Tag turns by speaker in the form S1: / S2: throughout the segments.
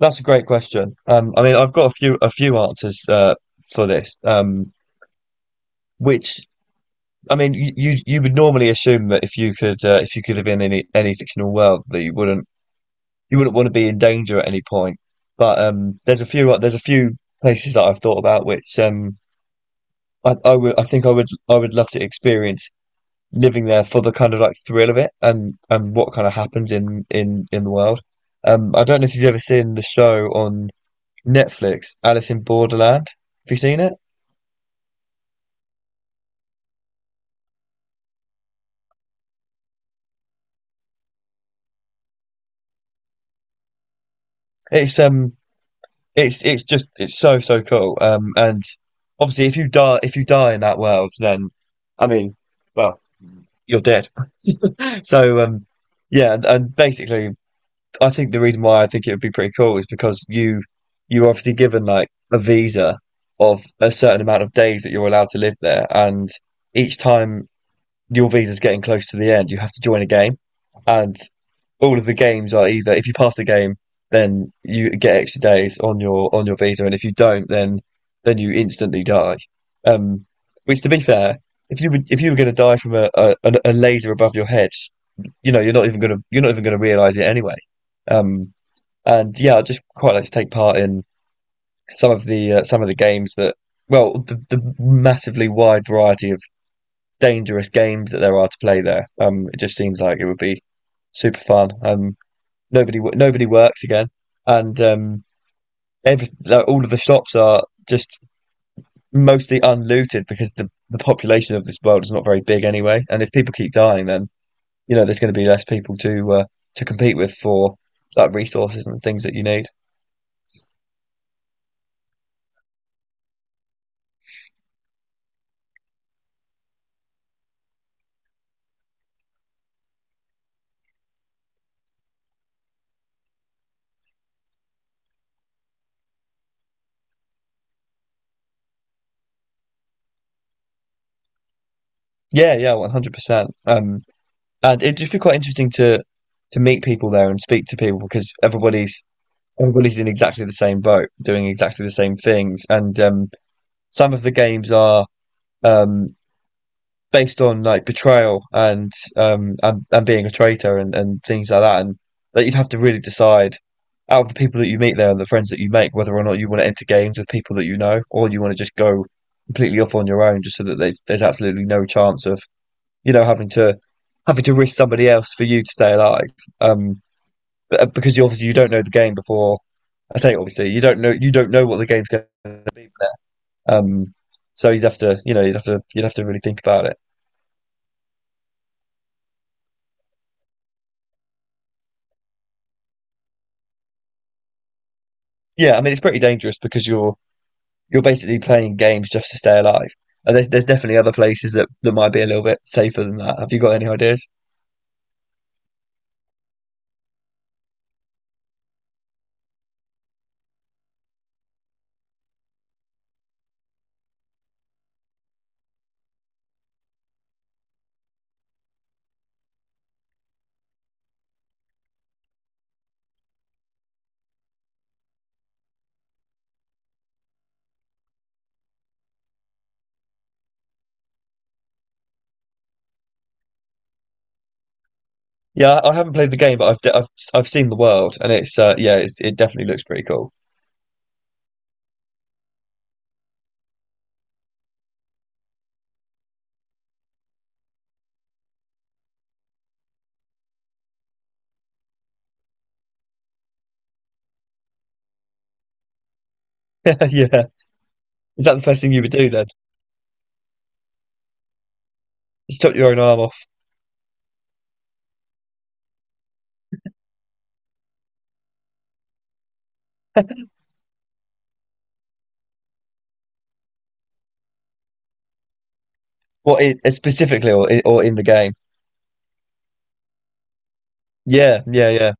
S1: That's a great question. I mean, I've got a few answers for this. Which I mean, you would normally assume that if you could live in any fictional world that you wouldn't want to be in danger at any point. But there's a few places that I've thought about which I think I would love to experience living there for the kind of like thrill of it and what kind of happens in in the world. I don't know if you've ever seen the show on Netflix, Alice in Borderland. Have you seen it? It's um, it's just it's so cool. And obviously, if you die in that world, then I mean, well, you're dead. So yeah, and basically, I think the reason why I think it would be pretty cool is because you're obviously given like a visa of a certain amount of days that you're allowed to live there, and each time your visa's getting close to the end, you have to join a game, and all of the games are either if you pass the game, then you get extra days on your visa, and if you don't, then you instantly die. Um, which, to be fair, if you were, going to die from a laser above your head, you know you're not even going to realize it anyway. Um, and yeah, I just quite like to take part in some of the games that well the massively wide variety of dangerous games that there are to play there. It just seems like it would be super fun. Nobody works again, and every, like, all of the shops are just mostly unlooted because the population of this world is not very big anyway. And if people keep dying, then you know there's going to be less people to compete with for like resources and things that you need. Yeah, yeah, 100%. And it'd just be quite interesting to meet people there and speak to people because everybody's in exactly the same boat, doing exactly the same things. And some of the games are um, based on like betrayal and and being a traitor and things like that. And that you'd have to really decide out of the people that you meet there and the friends that you make whether or not you want to enter games with people that you know or you want to just go completely off on your own just so that there's absolutely no chance of you know having to risk somebody else for you to stay alive. Um, but because you obviously you don't know the game before. I say obviously you don't know what the game's going to be. Um, so you'd have to you know you'd have to really think about it. Yeah, I mean it's pretty dangerous because you're basically playing games just to stay alive. And there's definitely other places that might be a little bit safer than that. Have you got any ideas? Yeah, I haven't played the game, but I've seen the world, and it's yeah, it's, it definitely looks pretty cool. Yeah, is that the first thing you would do then? Just chop your own arm off? What it, specifically, or in the game? Yeah, yeah, yeah.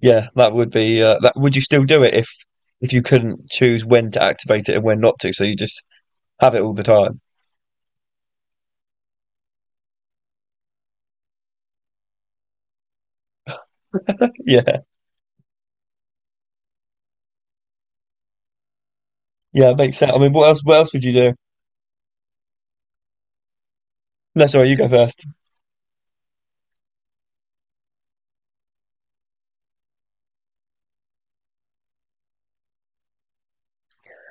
S1: Yeah, that would be that. Would you still do it if you couldn't choose when to activate it and when not to? So you just have it all the time. Yeah, yeah, it makes sense. I mean, what else? What else would you do? No, sorry, you go first.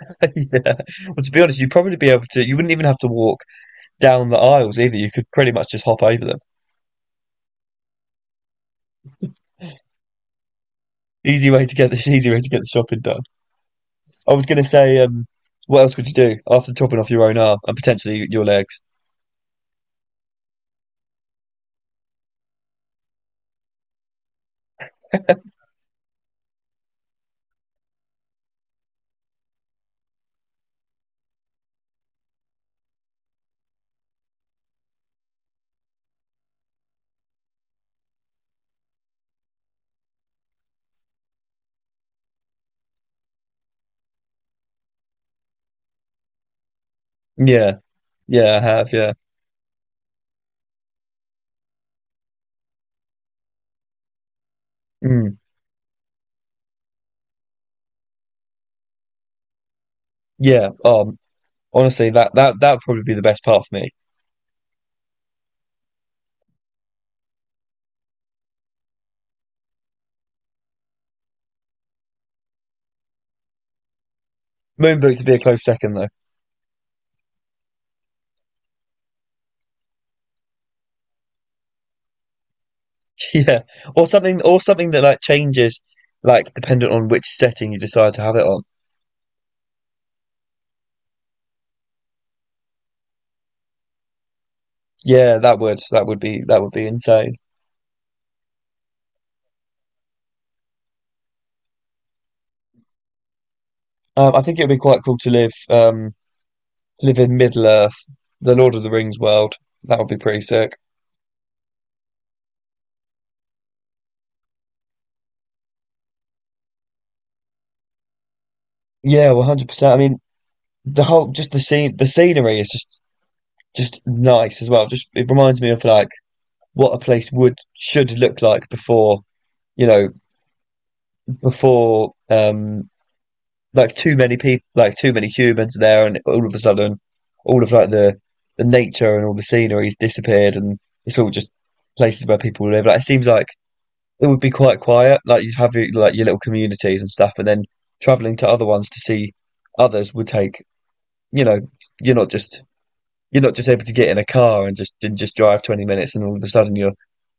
S1: Yeah. Well, to be honest, you'd probably be able to. You wouldn't even have to walk down the aisles either. You could pretty much just hop over them. Easy way to get this. Easy way to get the shopping done. I was gonna say, what else would you do after chopping off your own arm and potentially your legs? Yeah, yeah, I have. Yeah, mm, yeah. Honestly, that would probably be the best part for me. Moonboot could be a close second though. Yeah. Or something that like changes like dependent on which setting you decide to have it on. Yeah, that would be insane. I think it would be quite cool to live in Middle Earth, the Lord of the Rings world. That would be pretty sick. Yeah, 100%. I mean, the whole just the scenery is just nice as well. Just it reminds me of like what a place would should look like before you know before like too many people, like too many humans there, and all of a sudden, all of like the nature and all the scenery's disappeared, and it's all just places where people live. Like it seems like it would be quite quiet. Like you'd have your, like your little communities and stuff, and then traveling to other ones to see others would take. You know, you're not just you're not just able to get in a car and just drive 20 minutes, and all of a sudden you're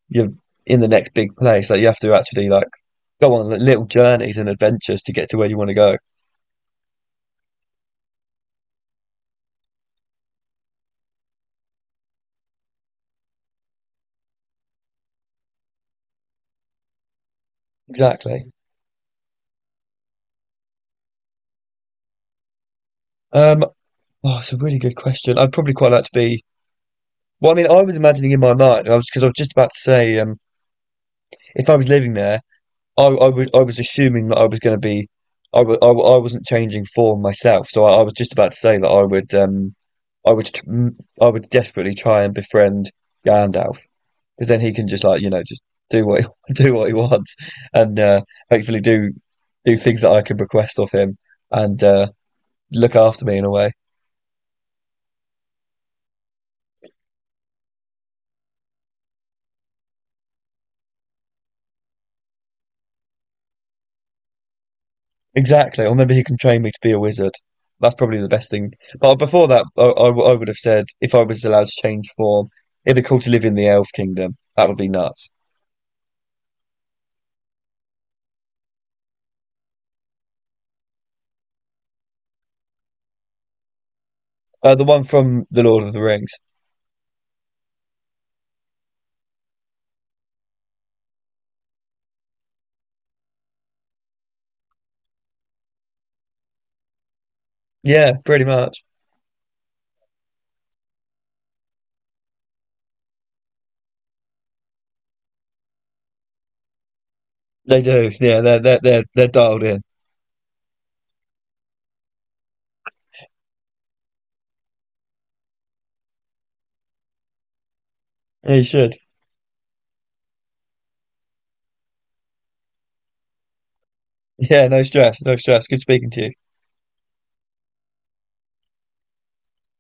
S1: you're in the next big place. Like you have to actually like go on little journeys and adventures to get to where you want to go. Exactly. Um, Oh, it's a really good question. I'd probably quite like to be. Well, I mean, I was imagining in my mind. I was because I was just about to say, if I was living there, I was assuming that I was going to be, I wasn't changing form myself. So I was just about to say that I would I would desperately try and befriend Gandalf because then he can just like you know just do what he, do what he wants and hopefully do things that I can request of him and look after me in a way. Exactly. Or maybe he can train me to be a wizard. That's probably the best thing. But before that, I would have said if I was allowed to change form, it'd be cool to live in the Elf Kingdom. That would be nuts. The one from The Lord of the Rings. Yeah, pretty much. They do. Yeah, they're dialed in. Yeah, you should. Yeah, no stress, no stress. Good speaking to you.